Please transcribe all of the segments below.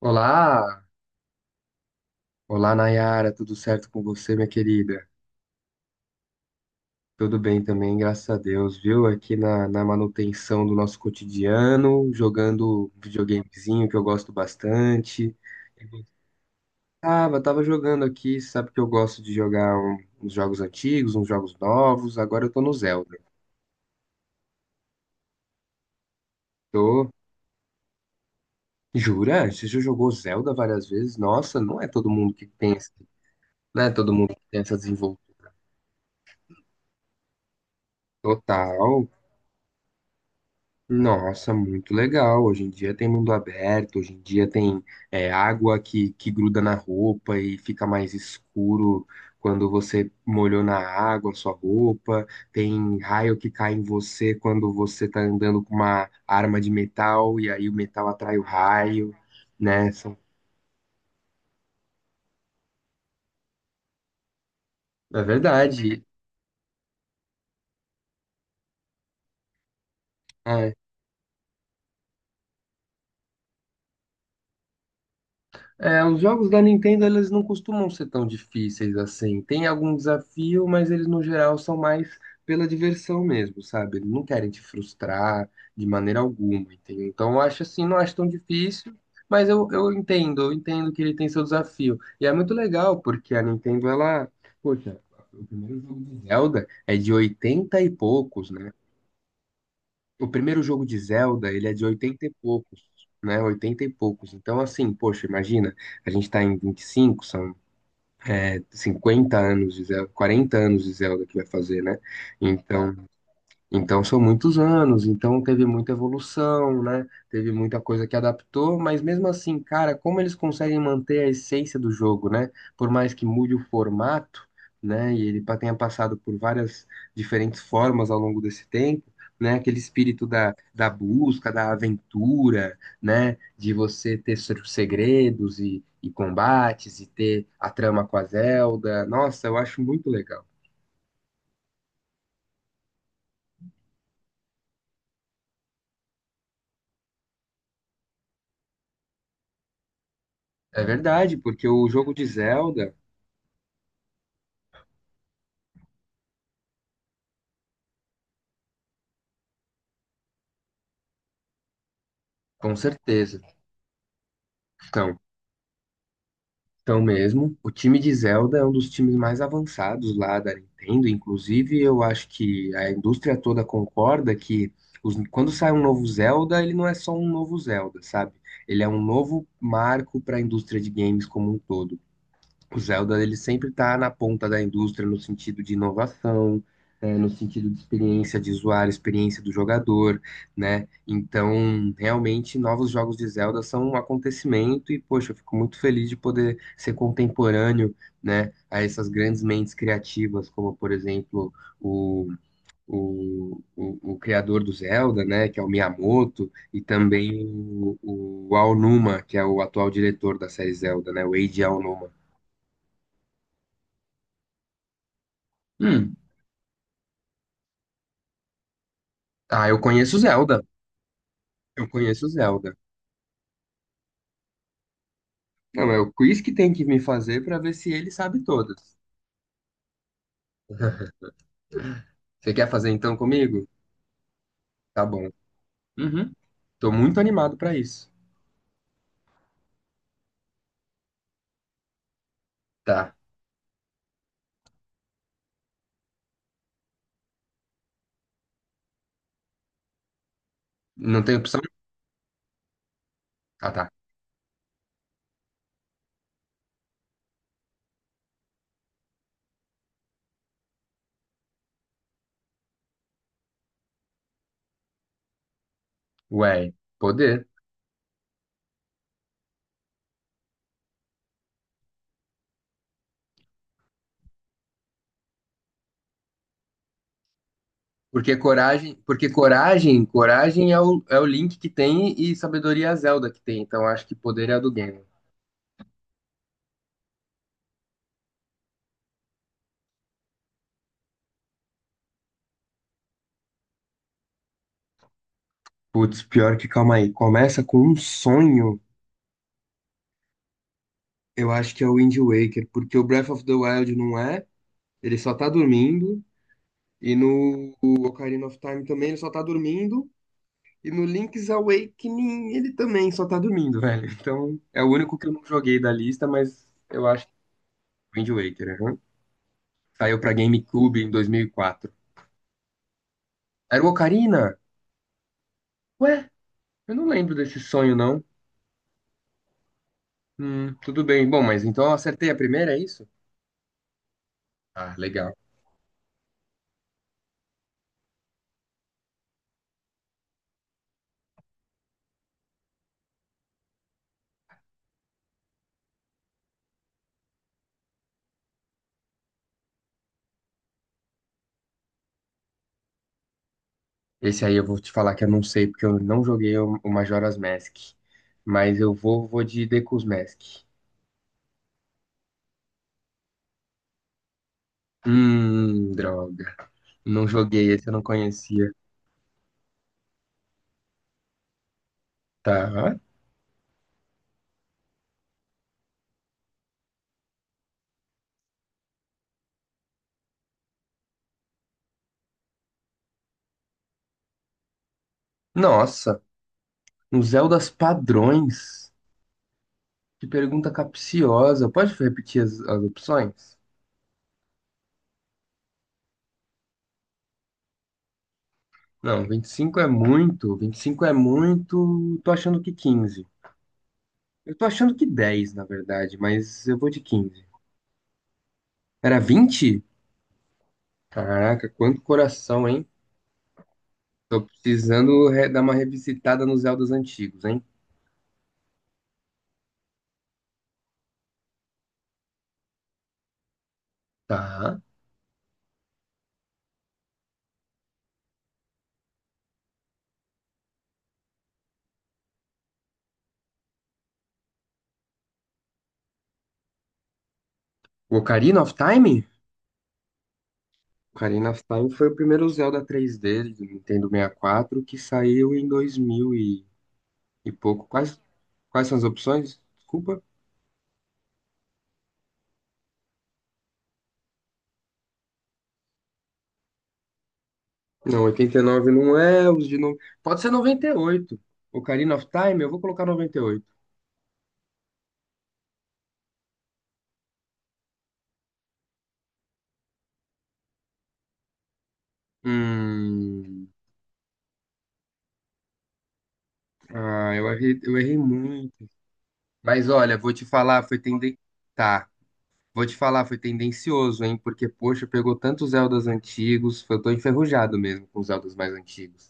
Olá, olá Nayara, tudo certo com você, minha querida? Tudo bem também, graças a Deus, viu? Aqui na manutenção do nosso cotidiano, jogando um videogamezinho que eu gosto bastante. Tava jogando aqui, sabe que eu gosto de jogar uns jogos antigos, uns jogos novos, agora eu tô no Zelda. Tô... Jura? Você já jogou Zelda várias vezes? Nossa, não é todo mundo que pensa, não é todo mundo que tem essa desenvoltura total. Nossa, muito legal. Hoje em dia tem mundo aberto, hoje em dia tem água que gruda na roupa e fica mais escuro quando você molhou na água a sua roupa, tem raio que cai em você quando você tá andando com uma arma de metal e aí o metal atrai o raio, né? São- É verdade. É. É, os jogos da Nintendo, eles não costumam ser tão difíceis assim. Tem algum desafio, mas eles no geral são mais pela diversão mesmo, sabe? Eles não querem te frustrar de maneira alguma, entendeu? Então eu acho assim, não acho tão difícil, mas eu entendo, eu entendo que ele tem seu desafio. E é muito legal, porque a Nintendo, ela, poxa, o primeiro jogo de Zelda é de 80 e poucos, né? O primeiro jogo de Zelda, ele é de 80 e poucos, né? 80 e poucos. Então, assim, poxa, imagina, a gente tá em 25, são 50 anos de Zelda, 40 anos de Zelda que vai fazer, né? Então, são muitos anos, então teve muita evolução, né? Teve muita coisa que adaptou, mas mesmo assim, cara, como eles conseguem manter a essência do jogo, né? Por mais que mude o formato, né? E ele tenha passado por várias diferentes formas ao longo desse tempo, né? Aquele espírito da, da busca, da aventura, né? De você ter segredos e combates e ter a trama com a Zelda. Nossa, eu acho muito legal. É verdade, porque o jogo de Zelda. Com certeza. Então, mesmo, o time de Zelda é um dos times mais avançados lá da Nintendo. Inclusive, eu acho que a indústria toda concorda que quando sai um novo Zelda, ele não é só um novo Zelda, sabe? Ele é um novo marco para a indústria de games como um todo. O Zelda ele sempre está na ponta da indústria no sentido de inovação, é, no sentido de experiência de usuário, experiência do jogador, né? Então, realmente, novos jogos de Zelda são um acontecimento e, poxa, eu fico muito feliz de poder ser contemporâneo, né, a essas grandes mentes criativas, como, por exemplo, o, o criador do Zelda, né, que é o Miyamoto, e também o Aonuma, que é o atual diretor da série Zelda, né, o Eiji Aonuma. Ah, eu conheço Zelda. Eu conheço Zelda. Não, é o quiz que tem que me fazer pra ver se ele sabe todas. Você quer fazer então comigo? Tá bom. Uhum. Tô muito animado pra isso. Tá. Não tem opção? Ah, tá. Ué, poder. Porque coragem, coragem é o Link que tem e sabedoria é a Zelda que tem. Então acho que poder é a do Ganon. Putz, pior que calma aí. Começa com um sonho. Eu acho que é o Wind Waker, porque o Breath of the Wild não é. Ele só tá dormindo. E no Ocarina of Time também ele só tá dormindo. E no Link's Awakening ele também só tá dormindo, velho. Então é o único que eu não joguei da lista, mas eu acho que é o Wind Waker. Aham. Saiu pra GameCube em 2004. Era o Ocarina? Ué, eu não lembro desse sonho, não. Tudo bem. Bom, mas então eu acertei a primeira, é isso? Ah, legal. Esse aí eu vou te falar que eu não sei, porque eu não joguei o Majora's Mask. Mas eu vou de Deku's Mask. Droga. Não joguei esse, eu não conhecia. Tá. Nossa, um Zeldas padrões. Que pergunta capciosa. Pode repetir as opções? Não, 25 é muito. 25 é muito. Tô achando que 15. Eu tô achando que 10, na verdade, mas eu vou de 15. Era 20? Caraca, quanto coração, hein? Tô precisando dar uma revisitada nos Zeldas antigos, hein? Tá. O Ocarina of Time? Ocarina of Time foi o primeiro Zelda 3D do Nintendo 64 que saiu em 2000 e pouco. Quais são as opções? Desculpa. Não, 89 não é, os de no... Pode ser 98. Ocarina of Time, eu vou colocar 98. Hum, ah, eu errei muito. Mas olha, vou te falar, Tá, vou te falar, foi tendencioso, hein? Porque, poxa, pegou tantos Zeldas antigos, eu tô enferrujado mesmo com os Zeldas mais antigos.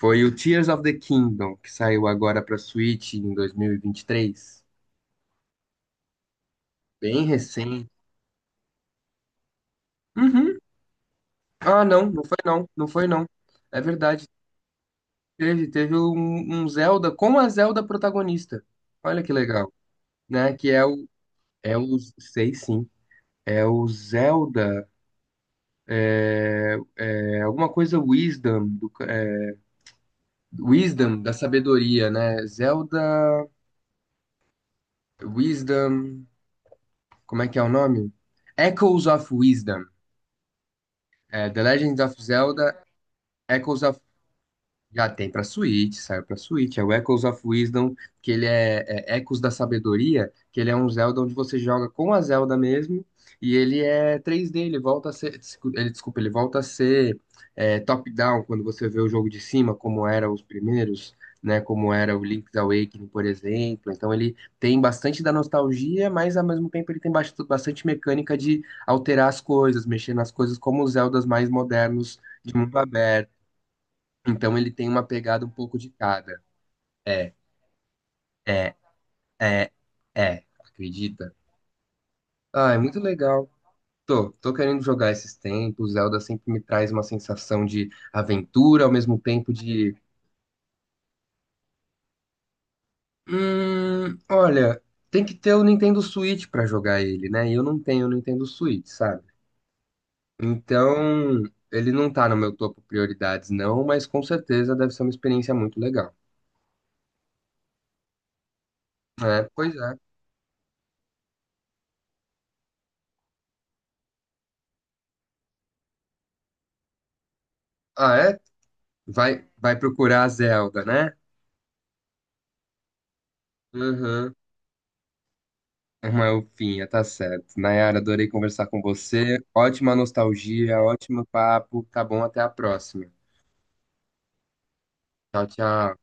Foi o Tears of the Kingdom, que saiu agora pra Switch em 2023. Bem recente. Uhum. Ah, não, não foi não, não foi não. É verdade, teve um Zelda com a Zelda protagonista. Olha que legal, né? Que é sei sim, é o Zelda, é alguma coisa Wisdom, Wisdom da sabedoria, né? Zelda Wisdom, como é que é o nome? Echoes of Wisdom, é, The Legend of Zelda, Echoes of Já tem pra Switch, saiu pra Switch. É o Echoes of Wisdom, que ele é, é Ecos da Sabedoria, que ele é um Zelda onde você joga com a Zelda mesmo, e ele é 3D, ele volta a ser, desculpa, ele volta a ser top-down, quando você vê o jogo de cima, como era os primeiros, né, como era o Link's Awakening, por exemplo. Então ele tem bastante da nostalgia, mas ao mesmo tempo ele tem bastante mecânica de alterar as coisas, mexer nas coisas como os Zeldas mais modernos de mundo aberto então ele tem uma pegada um pouco de cada. É, é, é, é. Acredita? Ah, é muito legal. Tô querendo jogar esses tempos. Zelda sempre me traz uma sensação de aventura, ao mesmo tempo de. Olha, tem que ter o Nintendo Switch pra jogar ele, né? E eu não tenho o Nintendo Switch, sabe? Então, ele não tá no meu topo prioridades, não, mas com certeza deve ser uma experiência muito legal. É, pois é. Ah, é? Vai, vai procurar a Zelda, né? Uhum. Uma ufinha tá certo. Nayara, adorei conversar com você. Ótima nostalgia, ótimo papo. Tá bom, até a próxima. Tchau, tchau.